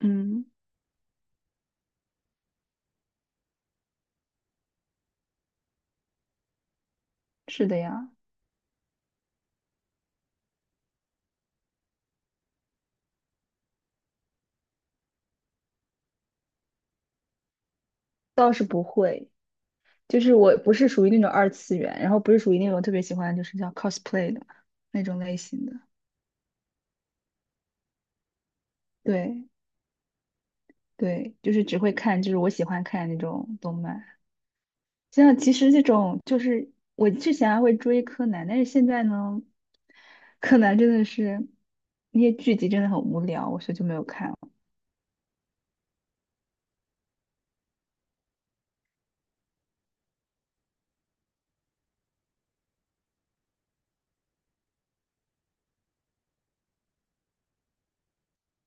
嗯，是的呀。倒是不会，就是我不是属于那种二次元，然后不是属于那种特别喜欢就是叫 cosplay 的那种类型的。对对，就是只会看，就是我喜欢看那种动漫。像其实这种就是我之前还会追柯南，但是现在呢，柯南真的是那些剧集真的很无聊，我所以就没有看了。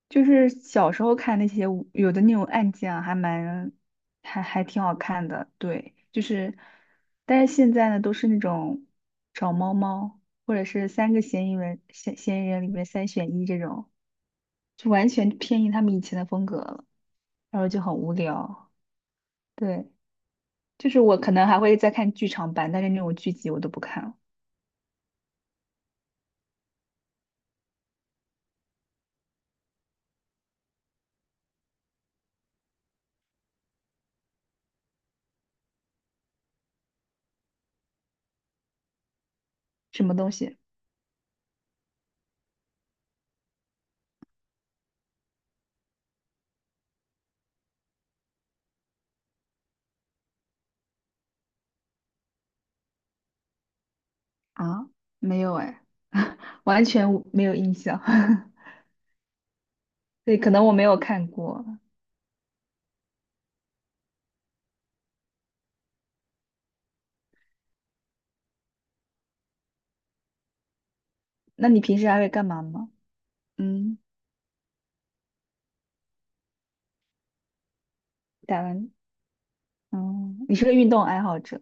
就是小时候看那些有的那种案件啊，还蛮还挺好看的。对，就是，但是现在呢，都是那种找猫猫，或者是三个嫌疑人嫌疑人里面三选一这种，就完全偏离他们以前的风格了，然后就很无聊。对，就是我可能还会再看剧场版，但是那种剧集我都不看了。什么东西啊？没有哎。完全无没有印象。对，可能我没有看过。那你平时还会干嘛吗？嗯。打篮。嗯，你是个运动爱好者。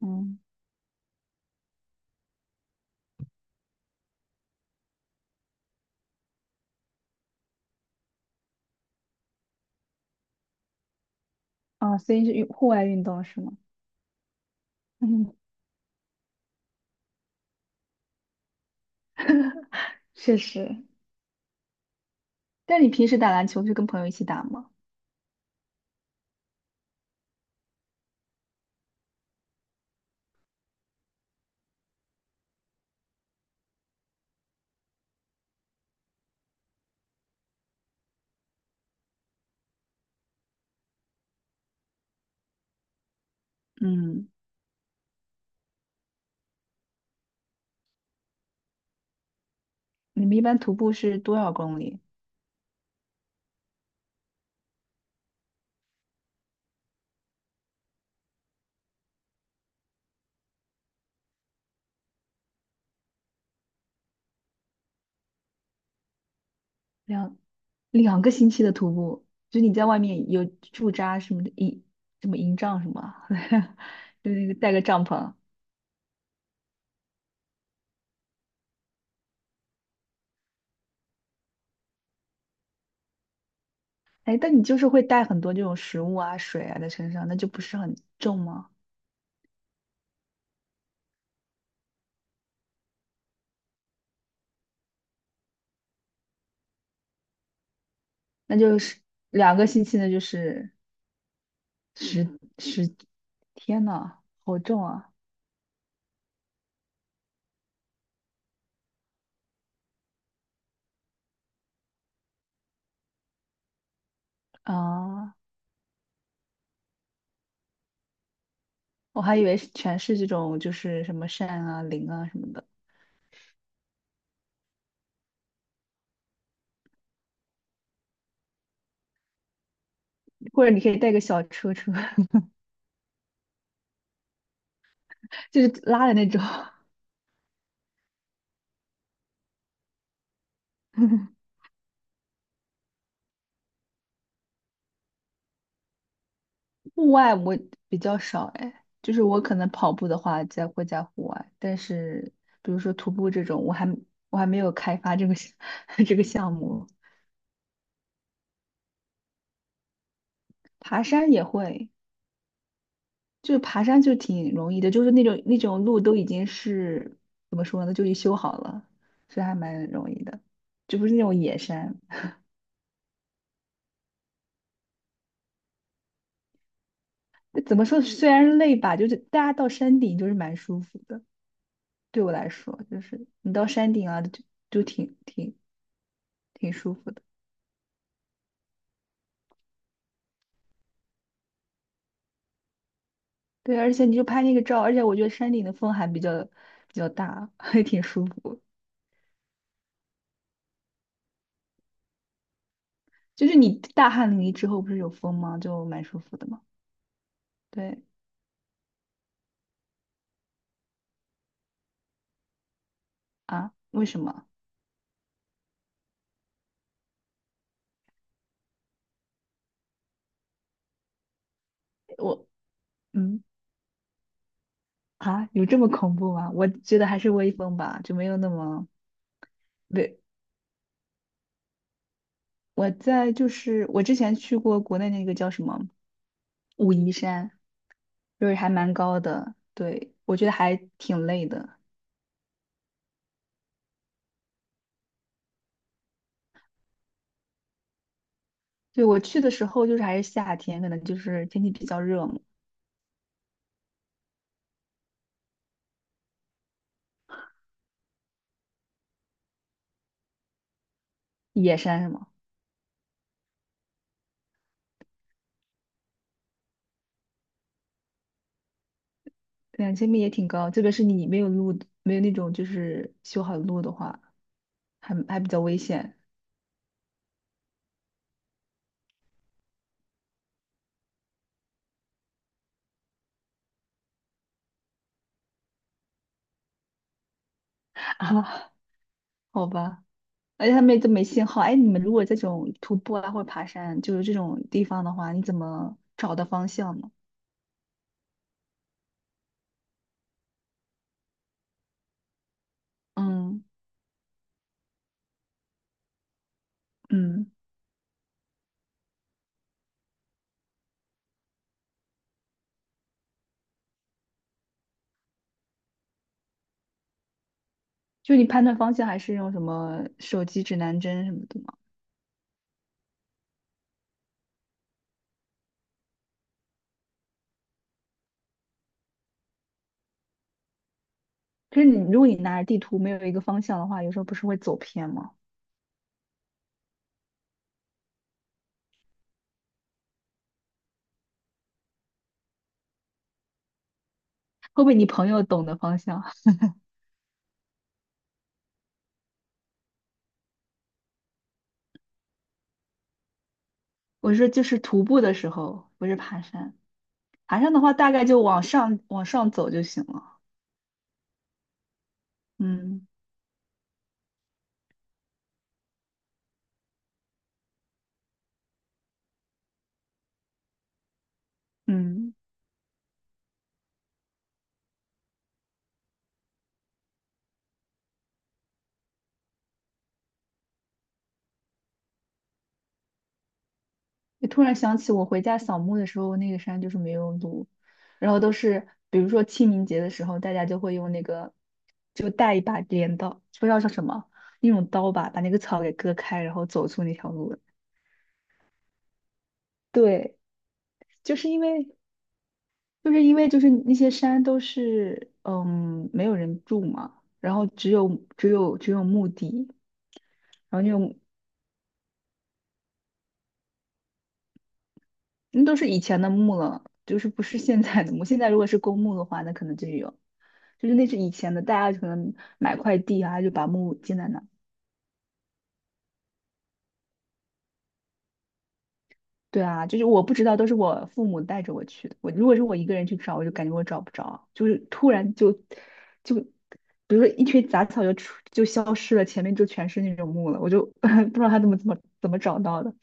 嗯。哦，所以是运户外运动是吗？嗯。确实。但你平时打篮球是跟朋友一起打吗？嗯。你们一般徒步是多少公里？两两个星期的徒步，就你在外面有驻扎什么的营，什么营帐什么啊，就那个带个帐篷。哎，但你就是会带很多这种食物啊、水啊在身上，那就不是很重吗？那就是两个星期呢，就是十十，天呐，好重啊！啊，我还以为是全是这种，就是什么扇啊、铃啊什么的。或者你可以带个小车车，就是拉的那种。户外我比较少哎，就是我可能跑步的话在会在户外，但是比如说徒步这种，我还没有开发这个 这个项目。爬山也会，就是爬山就挺容易的，就是那种路都已经是怎么说呢，就已修好了，所以还蛮容易的，就不是那种野山。怎么说，虽然累吧，就是大家到山顶就是蛮舒服的。对我来说，就是你到山顶啊，就挺挺舒服的。对，而且你就拍那个照，而且我觉得山顶的风还比较大，还挺舒服。就是你大汗淋漓之后不是有风吗？就蛮舒服的嘛。对啊，为什么？我。嗯。啊，有这么恐怖吗？我觉得还是微风吧，就没有那么对。我在就是我之前去过国内那个叫什么武夷山，就是还蛮高的，对，我觉得还挺累的。对，我去的时候就是还是夏天，可能就是天气比较热嘛。野山是吗？2000米也挺高，特别是你没有路，没有那种就是修好的路的话，还比较危险 啊。好吧，而且他们也都没信号。哎，你们如果这种徒步啊或者爬山，就是这种地方的话，你怎么找的方向呢？嗯。嗯，就你判断方向还是用什么手机指南针什么的吗？可是你如果你拿着地图没有一个方向的话，有时候不是会走偏吗？会不会你朋友懂得方向？我说就是徒步的时候，不是爬山。爬山的话，大概就往上走就行了。嗯。嗯。就突然想起我回家扫墓的时候，那个山就是没有路，然后都是比如说清明节的时候，大家就会用那个就带一把镰刀，不知道叫什么那种刀吧，把那个草给割开，然后走出那条路来。对，就是因为就是因为就是那些山都是嗯没有人住嘛，然后只有只有墓地，然后那种那都是以前的墓了，就是不是现在的墓。现在如果是公墓的话，那可能就有，就是那是以前的，大家可能买块地啊，就把墓建在那。对啊，就是我不知道，都是我父母带着我去的。我如果是我一个人去找，我就感觉我找不着，就是突然就就，比如说一群杂草就就消失了，前面就全是那种木了，我就 不知道他怎么找到的。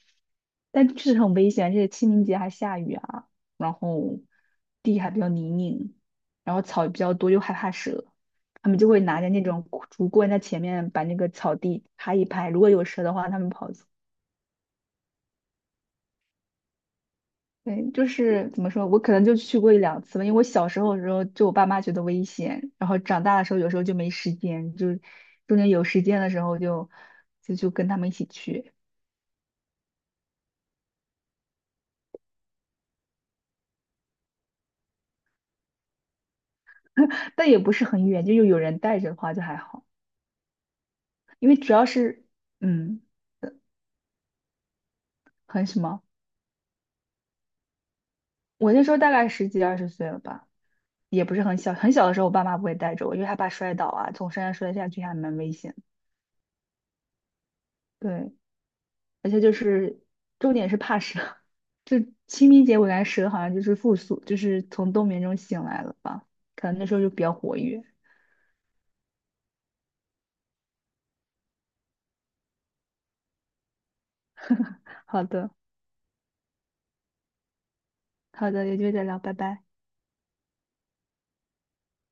但确实很危险，而且清明节还下雨啊，然后地还比较泥泞，然后草比较多，又害怕蛇，他们就会拿着那种竹棍在前面把那个草地拍一拍，如果有蛇的话，他们跑。对，就是怎么说，我可能就去过1,2次吧，因为我小时候的时候，就我爸妈觉得危险，然后长大的时候有时候就没时间，就是中间有时间的时候就跟他们一起去，但也不是很远，就有人带着的话就还好，因为主要是嗯，很什么，我那时候大概10几20岁了吧，也不是很小，很小的时候我爸妈不会带着我，因为害怕摔倒啊，从山上摔下去还蛮危险的。对，而且就是重点是怕蛇，就清明节我感觉蛇好像就是复苏，就是从冬眠中醒来了吧，可能那时候就比较活跃。好的。好的，有机会再聊，拜拜。